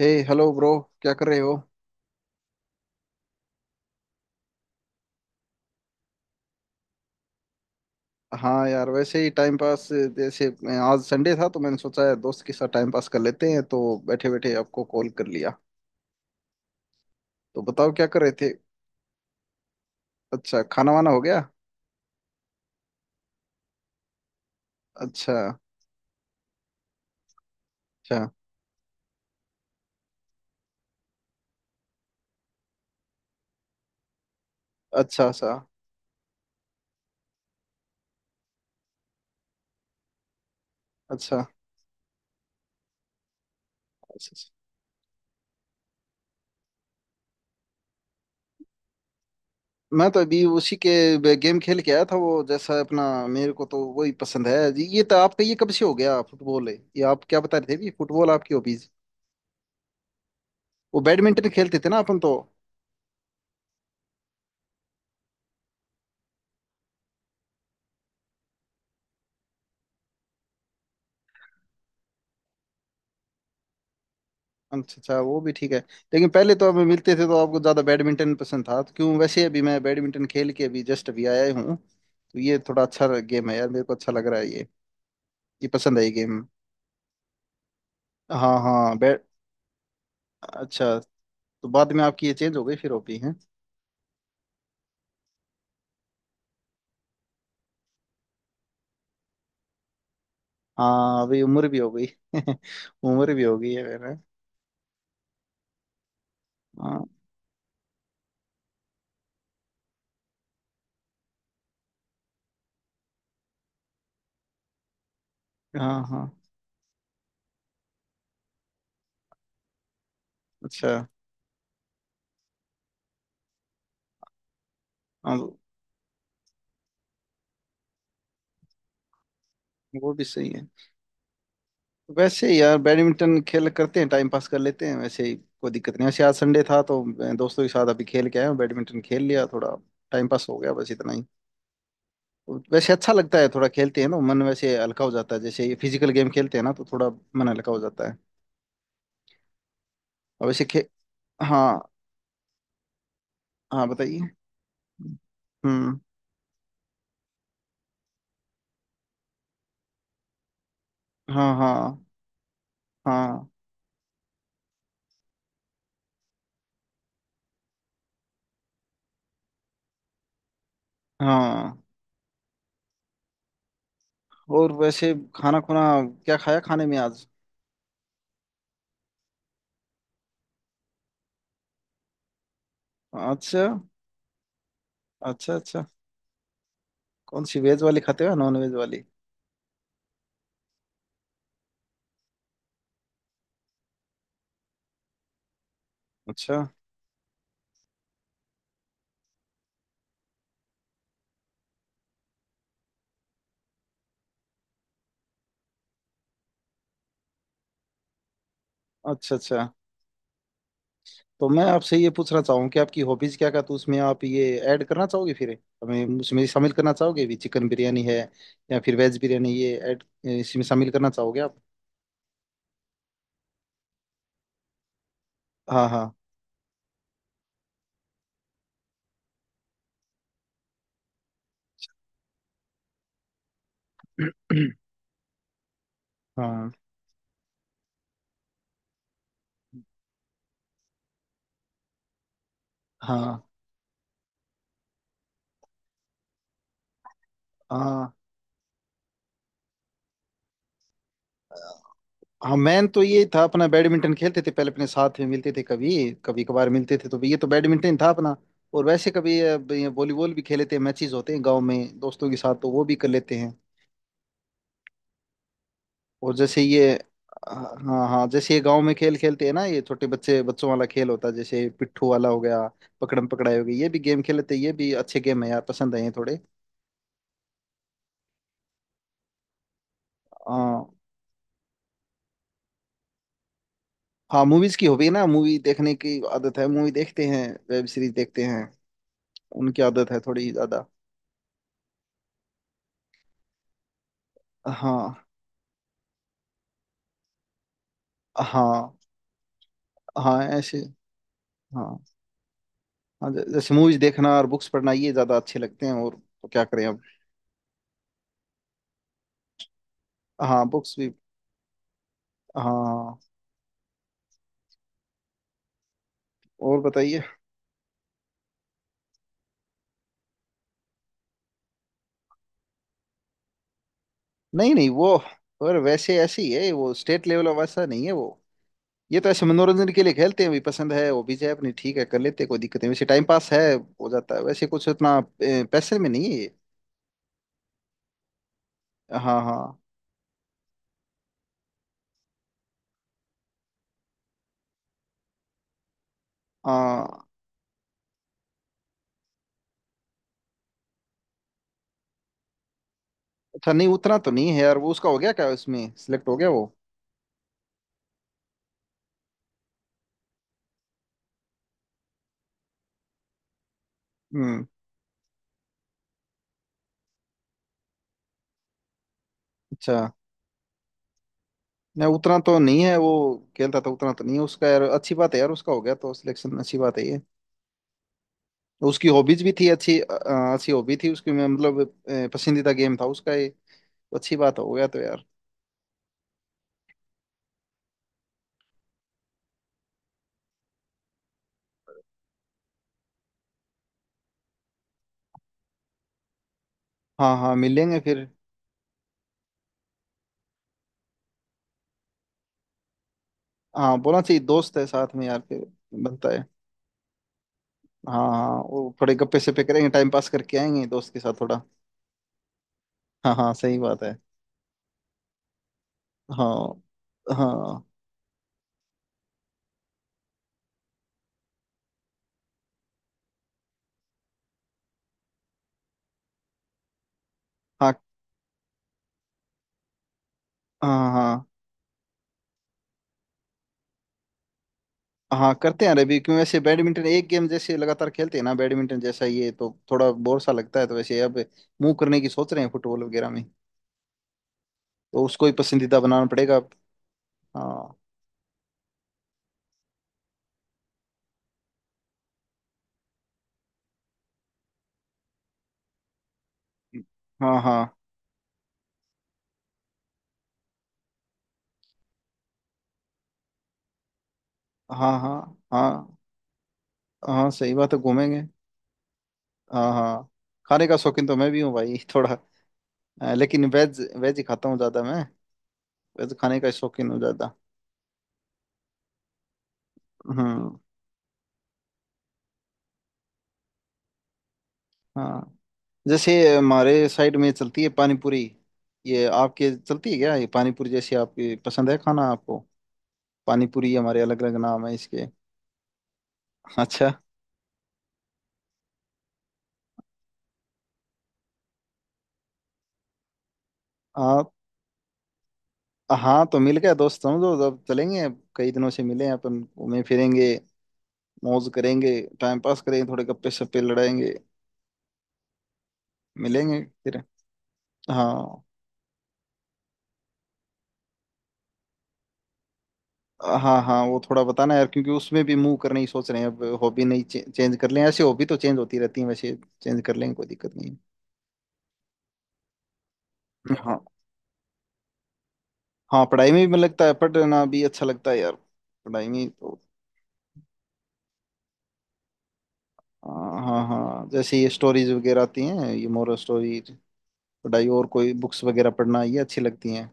हे hello bro. क्या कर रहे हो? हाँ यार, वैसे ही टाइम पास जैसे। आज संडे था तो मैंने सोचा है दोस्त के साथ टाइम पास कर लेते हैं, तो बैठे बैठे आपको कॉल कर लिया। तो बताओ क्या कर रहे थे? अच्छा, खाना वाना हो गया? अच्छा। अच्छा। अच्छा सा। अच्छा। अच्छा सा। मैं तो अभी उसी के गेम खेल के आया था। वो जैसा अपना, मेरे को तो वही पसंद है जी। ये तो आपका ये कब से हो गया फुटबॉल है? ये आप क्या बता रहे थे भी, फुटबॉल आपकी हॉबीज? वो बैडमिंटन खेलते थे ना अपन तो। अच्छा अच्छा, वो भी ठीक है। लेकिन पहले तो हमें मिलते थे तो आपको ज्यादा बैडमिंटन पसंद था। तो क्यों, वैसे अभी मैं बैडमिंटन खेल के अभी जस्ट अभी आया हूँ, तो ये थोड़ा अच्छा गेम है यार, मेरे को अच्छा लग रहा है ये। ये पसंद है ये गेम। हाँ हाँ बैट अच्छा। तो बाद में आपकी ये चेंज हो गई फिर हॉबी है? हाँ अभी उम्र भी हो गई। उम्र भी हो गई है मेरा। हाँ हाँ हाँ। अच्छा। हाँ, वो भी सही है। वैसे यार बैडमिंटन खेल करते हैं टाइम पास कर लेते हैं, वैसे ही कोई दिक्कत नहीं। वैसे आज संडे था तो मैं दोस्तों के साथ अभी खेल के आया हूँ, बैडमिंटन खेल लिया थोड़ा। टाइम पास हो गया बस इतना ही। तो वैसे अच्छा लगता है, थोड़ा खेलते हैं ना, मन वैसे हल्का हो जाता है। जैसे ये फिजिकल गेम खेलते हैं ना तो थोड़ा मन हल्का हो जाता है। और वैसे खे हाँ हाँ, बताइए। हम्म। हाँ हाँ हाँ हाँ। और वैसे खाना खुना, क्या खाया खाने में आज? अच्छा अच्छा। अच्छा कौन सी, वेज वाली खाते हो या नॉन वेज वाली? अच्छा अच्छा अच्छा। तो मैं आपसे ये पूछना चाहूँ कि आपकी हॉबीज क्या क्या, तो उसमें आप ये ऐड करना चाहोगे फिर? हमें उसमें शामिल करना चाहोगे भी, चिकन बिरयानी है या फिर वेज बिरयानी, ये ऐड इसमें शामिल करना चाहोगे आप? हाँ हाँ। हाँ हाँ हाँ। हाँ मैन तो ये था अपना, बैडमिंटन खेलते थे पहले। अपने साथ में मिलते थे कभी कभी कभार, मिलते थे तो भी ये तो बैडमिंटन था अपना। और वैसे कभी ये वॉलीबॉल भी खेलते हैं, मैचेस होते हैं गांव में दोस्तों के साथ, तो वो भी कर लेते हैं। और जैसे ये हाँ हाँ, जैसे ये गांव में खेल खेलते हैं ना, ये छोटे बच्चे बच्चों वाला खेल होता है। जैसे पिट्ठू वाला हो गया, पकड़म पकड़ाई हो गई, ये भी गेम खेलते हैं। ये भी अच्छे गेम है यार, पसंद है ये थोड़े। हाँ हाँ। मूवीज की हॉबी है ना, मूवी देखने की आदत है। मूवी देखते हैं, वेब सीरीज देखते हैं, उनकी आदत है थोड़ी ज्यादा। हाँ हाँ हाँ ऐसे। हाँ हाँ जैसे मूवीज देखना और बुक्स पढ़ना ये ज्यादा अच्छे लगते हैं, और तो क्या करें अब। हाँ बुक्स भी। हाँ और बताइए। नहीं नहीं वो, और वैसे ऐसे ही है वो, स्टेट लेवल वैसा नहीं है वो। ये तो ऐसे मनोरंजन के लिए खेलते हैं, भी पसंद है वो भी है अपनी, ठीक है कर लेते हैं कोई दिक्कत नहीं। वैसे टाइम पास है, हो जाता है। वैसे कुछ उतना पैसे में नहीं है ये। हाँ हाँ हाँ। अच्छा, नहीं उतना तो नहीं है यार वो। उसका हो गया क्या, उसमें सिलेक्ट हो गया वो? हम्म। अच्छा। नहीं उतना तो नहीं है वो। खेलता था उतना तो नहीं है उसका। यार अच्छी बात है यार, उसका हो गया तो सिलेक्शन, अच्छी बात है ये। उसकी हॉबीज भी थी अच्छी, अच्छी हॉबी थी उसकी। मैं मतलब पसंदीदा गेम था उसका ये, तो अच्छी बात हो गया तो यार। हाँ हाँ, मिलेंगे फिर। हाँ बोलना चाहिए, दोस्त है साथ में यार फिर। बनता है। हाँ हाँ वो थोड़े गप्पे सप्पे करेंगे, टाइम पास करके आएंगे दोस्त के साथ थोड़ा। हाँ हाँ सही बात है। हाँ हाँ हाँ हाँ हाँ। हाँ करते हैं यार अभी। क्यों, वैसे बैडमिंटन एक गेम जैसे लगातार खेलते हैं ना बैडमिंटन जैसा, ये तो थोड़ा बोर सा लगता है, तो वैसे अब मूव करने की सोच रहे हैं फुटबॉल वगैरह में। तो उसको ही पसंदीदा बनाना पड़ेगा। हाँ हाँ हाँ हाँ हाँ हाँ। हाँ सही बात है घूमेंगे। हाँ हाँ। खाने का शौकीन तो मैं भी हूँ भाई। थोड़ा लेकिन वेज वेज ही खाता हूँ ज़्यादा मैं, वेज खाने का शौकीन हूँ ज़्यादा। हम्म। हाँ, जैसे हमारे साइड में चलती है पानी पूरी, ये आपके चलती है क्या ये पानी पूरी? जैसे आपकी पसंद है खाना आपको, पानी पूरी हमारे अलग अलग नाम है इसके। अच्छा। आप हाँ तो मिल गया दोस्त समझो, जब चलेंगे कई दिनों से मिले हैं अपन, घूमे फिरेंगे, मौज करेंगे, टाइम पास करेंगे, थोड़े गप्पे शप्पे लड़ाएंगे। मिलेंगे फिर। हाँ हाँ। हाँ वो थोड़ा बताना यार, क्योंकि उसमें भी मूव करने ही सोच रहे हैं। अब हॉबी नहीं चेंज कर लें, ऐसे हॉबी तो चेंज होती रहती है वैसे। चेंज कर लेंगे, कोई दिक्कत नहीं है। हाँ हाँ, पढ़ाई में भी मन लगता है। पढ़ना भी अच्छा लगता है यार, पढ़ाई में तो। हाँ हाँ हाँ, जैसे ये स्टोरीज वगैरह आती हैं ये मोरल स्टोरी, पढ़ाई और कोई बुक्स वगैरह पढ़ना, ये अच्छी लगती हैं।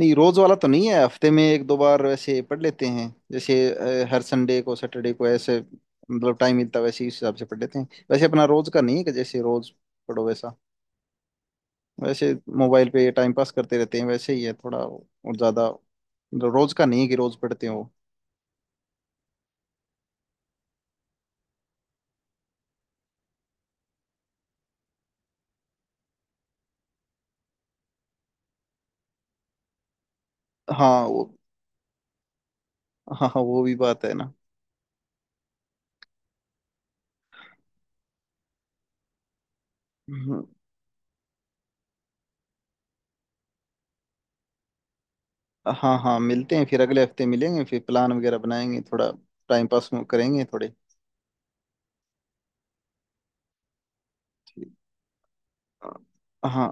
नहीं रोज वाला तो नहीं है, हफ्ते में एक दो बार वैसे पढ़ लेते हैं। जैसे हर संडे को, सैटरडे को ऐसे मतलब टाइम मिलता है वैसे, इस हिसाब से पढ़ लेते हैं। वैसे अपना रोज का नहीं है कि जैसे रोज पढ़ो वैसा। वैसे मोबाइल पे टाइम पास करते रहते हैं वैसे ही है थोड़ा और ज्यादा, मतलब रोज का नहीं है कि रोज पढ़ते हो। हाँ वो। हाँ हाँ वो भी बात है ना। हम्म। हाँ हाँ मिलते हैं फिर, अगले हफ्ते मिलेंगे फिर, प्लान वगैरह बनाएंगे थोड़ा। टाइम पास करेंगे थोड़े। ठीक। हाँ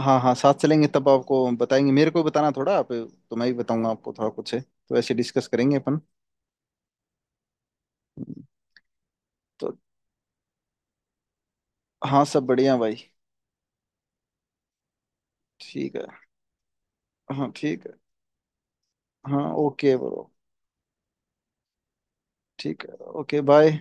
हाँ हाँ, साथ चलेंगे तब आपको बताएंगे। मेरे को बताना थोड़ा आप, तो मैं ही बताऊंगा आपको, थोड़ा कुछ है तो ऐसे डिस्कस करेंगे अपन। तो हाँ, सब बढ़िया भाई। ठीक है। हाँ ठीक है। हाँ ओके ब्रो। ठीक है। Okay bye.